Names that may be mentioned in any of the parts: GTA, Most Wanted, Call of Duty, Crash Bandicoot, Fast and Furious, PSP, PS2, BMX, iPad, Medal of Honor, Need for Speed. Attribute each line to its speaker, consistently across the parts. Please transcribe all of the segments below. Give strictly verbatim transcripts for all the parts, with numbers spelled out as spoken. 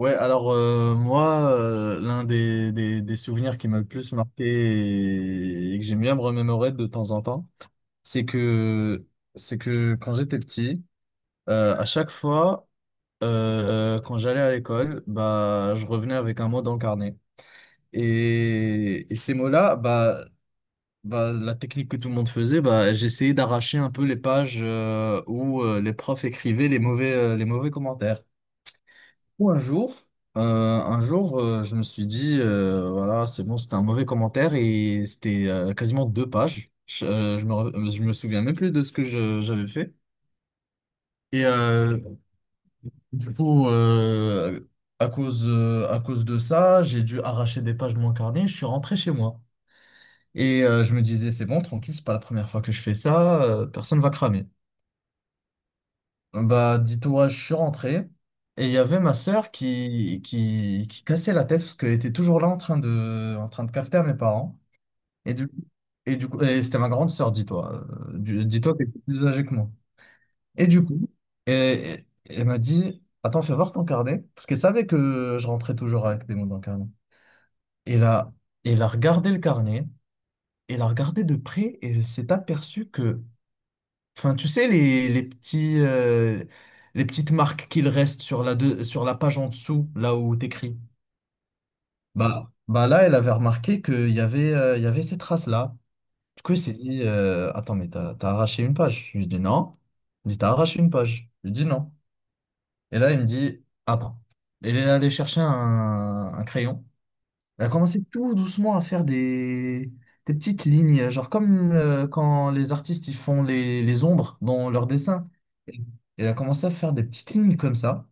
Speaker 1: Ouais, alors euh, moi, euh, l'un des, des, des souvenirs qui m'a le plus marqué et, et que j'aime bien me remémorer de temps en temps, c'est que c'est que quand j'étais petit, euh, à chaque fois, euh, euh, quand j'allais à l'école, bah je revenais avec un mot dans le carnet. Et, et ces mots-là, bah, bah la technique que tout le monde faisait, bah j'essayais d'arracher un peu les pages, euh, où euh, les profs écrivaient les mauvais euh, les mauvais commentaires. Ou un jour, euh, un jour, euh, je me suis dit, euh, voilà, c'est bon, c'était un mauvais commentaire et c'était euh, quasiment deux pages. Je, euh, je me, re- je me souviens même plus de ce que je- j'avais fait. Et euh, du coup, euh, à cause, euh, à cause de ça, j'ai dû arracher des pages de mon carnet. Je suis rentré chez moi. Et euh, je me disais, c'est bon, tranquille, c'est pas la première fois que je fais ça, euh, personne va cramer. Bah, dis-toi, je suis rentré et il y avait ma sœur qui, qui, qui cassait la tête parce qu'elle était toujours là en train de, en train de cafeter à mes parents. Et du, et du coup, et c'était ma grande sœur, dis-toi. Euh, du- Dis-toi qu'elle était plus âgée que moi. Et du coup, et, et- elle m'a dit, attends, fais voir ton carnet. Parce qu'elle savait que je rentrais toujours avec des mots dans le carnet. Et là, elle a regardé le carnet, elle a regardé de près et elle s'est aperçue que Enfin, tu sais, les, les petits, euh, les petites marques qu'il reste sur la, deux- sur la page en dessous, là où t'écris. Bah, bah là, elle avait remarqué qu'il y avait, euh, il y avait ces traces-là. Du coup, elle s'est dit, euh, attends, mais t'as, t'as arraché une page. Je lui dis non. Il dit, t'as arraché une page. Je lui dis non. Et là, il me dit, attends. Elle est allée chercher un, un crayon. Elle a commencé tout doucement à faire des, des petites lignes, genre comme euh, quand les artistes ils font les, les ombres dans leurs dessins. Et elle a commencé à faire des petites lignes comme ça.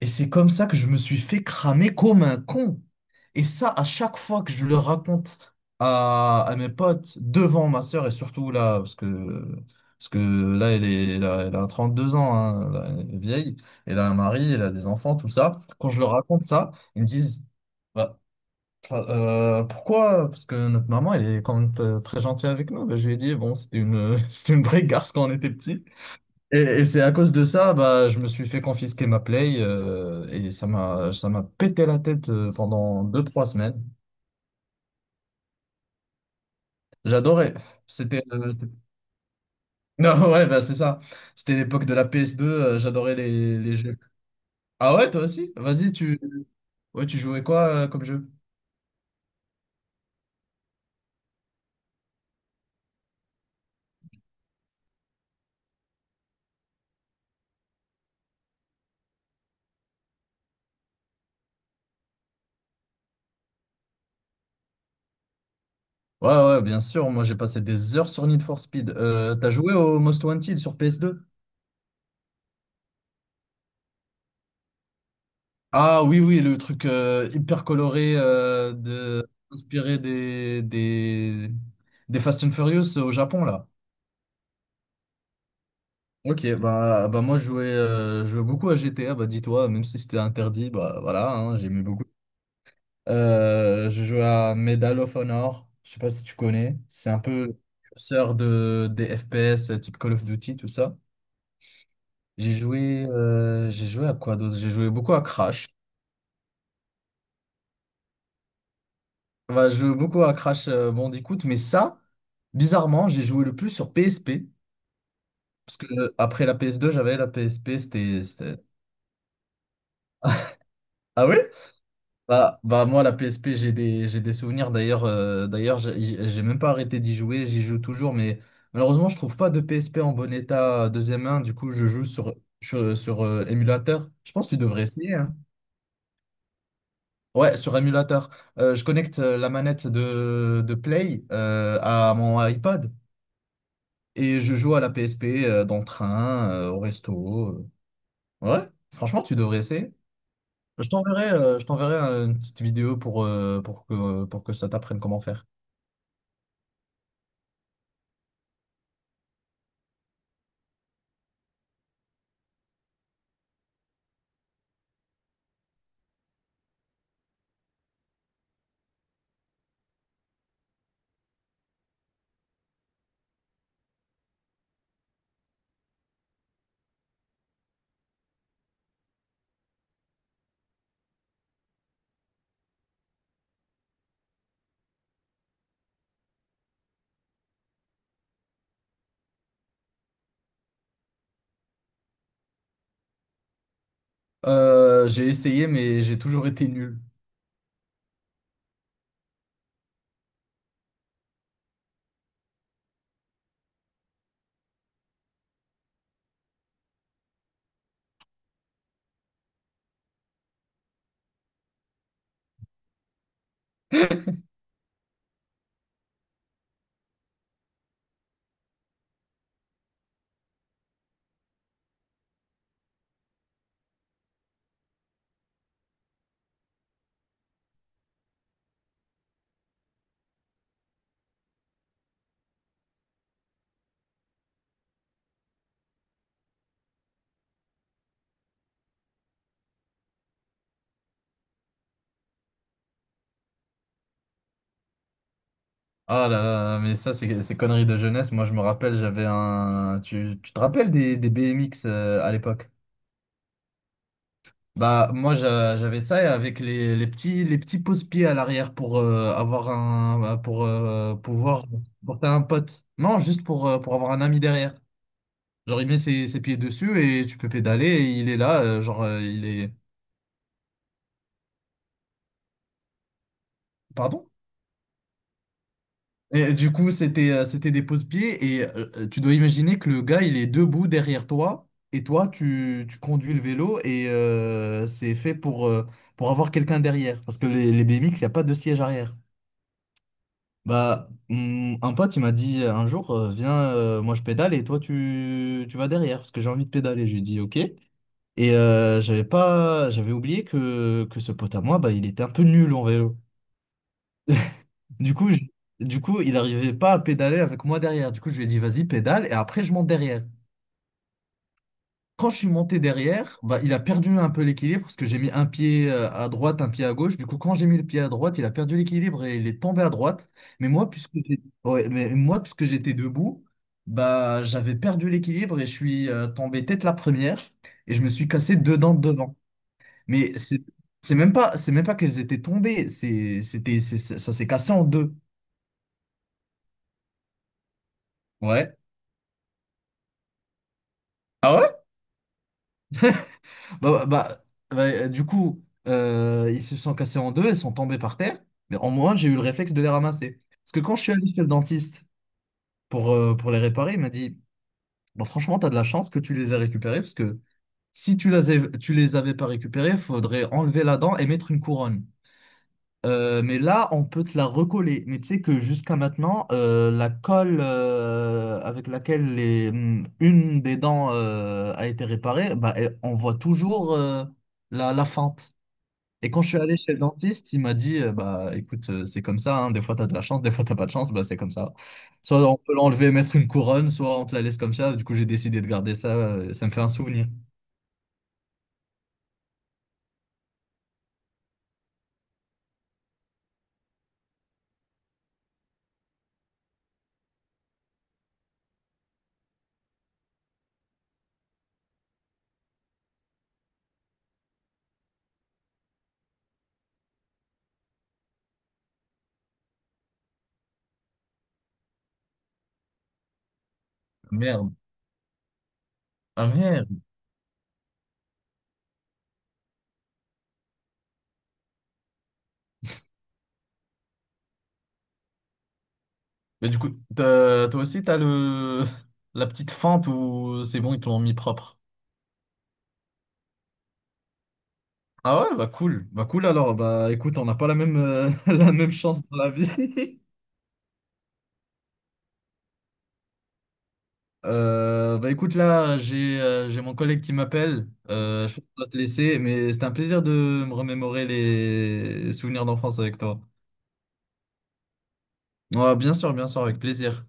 Speaker 1: Et c'est comme ça que je me suis fait cramer comme un con. Et ça, à chaque fois que je le raconte à, à mes potes, devant ma sœur, et surtout là, parce que, parce que là, elle est, elle a, elle a trente-deux ans, hein, là, elle est vieille, elle a un mari, elle a des enfants, tout ça. Quand je leur raconte ça, ils me disent, bah, enfin, Euh, pourquoi? Parce que notre maman, elle est quand même t- très gentille avec nous. Bah, je lui ai dit, bon, c'était une, c'était une vraie garce quand on était petit. Et, et c'est à cause de ça, bah, je me suis fait confisquer ma Play, euh, et ça m'a, ça m'a pété la tête, euh, pendant deux, trois semaines. J'adorais. C'était, euh, c'était- non, ouais, bah, c'est ça. C'était l'époque de la P S deux, euh, j'adorais les, les jeux. Ah ouais, toi aussi? Vas-y, tu, ouais, tu jouais quoi, euh, comme jeu? Ouais, ouais, bien sûr. Moi, j'ai passé des heures sur Need for Speed. Euh, t'as joué au Most Wanted sur P S deux? Ah oui, oui, le truc, euh, hyper coloré, euh, de... inspiré des, des... des Fast and Furious au Japon, là. Ok, bah, bah moi je jouais, euh, je jouais beaucoup à G T A, bah dis-toi, même si c'était interdit, bah voilà, hein, j'aimais beaucoup. Euh, je jouais à Medal of Honor, je sais pas si tu connais, c'est un peu le précurseur de, des F P S, euh, type Call of Duty, tout ça. J'ai joué, euh, j'ai joué à quoi d'autre? J'ai joué beaucoup à Crash. Bah, je joue beaucoup à Crash, euh, Bandicoot, mais ça, bizarrement, j'ai joué le plus sur P S P. Parce que, euh, après la P S deux, j'avais la P S P, c'était. c'était- Ah oui? Bah, bah moi, la P S P, j'ai des, j'ai des souvenirs. D'ailleurs, euh, d'ailleurs, j'ai j'ai- j'ai même pas arrêté d'y jouer, j'y joue toujours, mais malheureusement, je trouve pas de P S P en bon état, euh, deuxième main. Du coup, je joue sur, sur, sur, euh, émulateur. Je pense que tu devrais essayer, hein. Ouais, sur émulateur. Euh, je connecte, euh, la manette de, de Play, euh, à mon iPad. Et je joue à la P S P, euh, dans le train, euh, au resto. euh. Ouais, franchement, tu devrais essayer. Je t'enverrai, euh, je t'enverrai, euh, une petite vidéo, pour, euh, pour que, pour que ça t'apprenne comment faire. Euh, j'ai essayé, mais j'ai toujours été nul. Ah là là, mais ça, c'est c'est conneries de jeunesse. Moi, je me rappelle, j'avais un... Tu, tu te rappelles des, des B M X, euh, à l'époque? Bah, moi, j'a- j'avais ça et avec les, les petits, les petits pouces-pieds à l'arrière, pour euh, avoir un, bah, pour euh, pouvoir porter un pote. Non, juste pour, euh, pour avoir un ami derrière. Genre, il met ses, ses pieds dessus et tu peux pédaler et il est là, euh, genre, euh, il est... Pardon? Et du coup, c'était euh, c'était des pose-pieds et euh, euh, tu dois imaginer que le gars, il est debout derrière toi et toi, tu, tu conduis le vélo et, euh, c'est fait pour, euh, pour avoir quelqu'un derrière parce que les, les B M X, il n'y a pas de siège arrière. Bah, hum, un pote, il m'a dit un jour, euh, viens, euh, moi je pédale et toi tu, tu vas derrière parce que j'ai envie de pédaler. Je lui ai dit ok. Et euh, j'avais pas, j'avais oublié que, que ce pote à moi, bah, il était un peu nul en vélo. Du coup, je- du coup, il arrivait pas à pédaler avec moi derrière. Du coup, je lui ai dit vas-y, pédale et après je monte derrière. Quand je suis monté derrière, bah, il a perdu un peu l'équilibre parce que j'ai mis un pied, euh, à droite, un pied à gauche. Du coup, quand j'ai mis le pied à droite, il a perdu l'équilibre et il est tombé à droite. Mais moi, puisque j'ai- ouais, mais moi, puisque j'étais debout, bah, j'avais perdu l'équilibre et je suis, euh, tombé tête la première et je me suis cassé deux dents de devant. Mais c'est c'est même pas c'est même pas qu'elles étaient tombées, c'est c'était c'est- ça s'est cassé en deux. Ouais. Ah ouais? Bah, bah, bah, bah, euh, du coup, euh, ils se sont cassés en deux, ils sont tombés par terre, mais en moins j'ai eu le réflexe de les ramasser. Parce que quand je suis allé chez le dentiste, pour, euh, pour les réparer, il m'a dit, bon, franchement, t'as de la chance que tu les aies récupérés, parce que si tu les avais, tu les avais pas récupérés, il faudrait enlever la dent et mettre une couronne. Euh, mais là, on peut te la recoller. Mais tu sais que jusqu'à maintenant, euh, la colle, euh, avec laquelle les, hum, une des dents, euh, a été réparée, bah, elle- on voit toujours, euh, la, la fente. Et quand je suis allé chez le dentiste, il m'a dit, euh, bah écoute, euh, c'est comme ça, hein, des fois t'as de la chance, des fois t'as pas de chance, bah c'est comme ça. Soit on peut l'enlever, mettre une couronne, soit on te la laisse comme ça. Du coup, j'ai décidé de garder ça, euh, ça me fait un souvenir. Merde. Ah merde. Mais du coup, t'as- toi aussi, t'as le la petite fente où c'est bon, ils te l'ont mis propre. Ah ouais, bah cool. Bah cool alors, bah écoute, on n'a pas la même, euh, la même chance dans la vie. Euh, bah écoute là, j'ai euh, j'ai mon collègue qui m'appelle. Euh, je pense que je dois te laisser, mais c'était un plaisir de me remémorer les souvenirs d'enfance avec toi. Ouais, bien sûr, bien sûr, avec plaisir.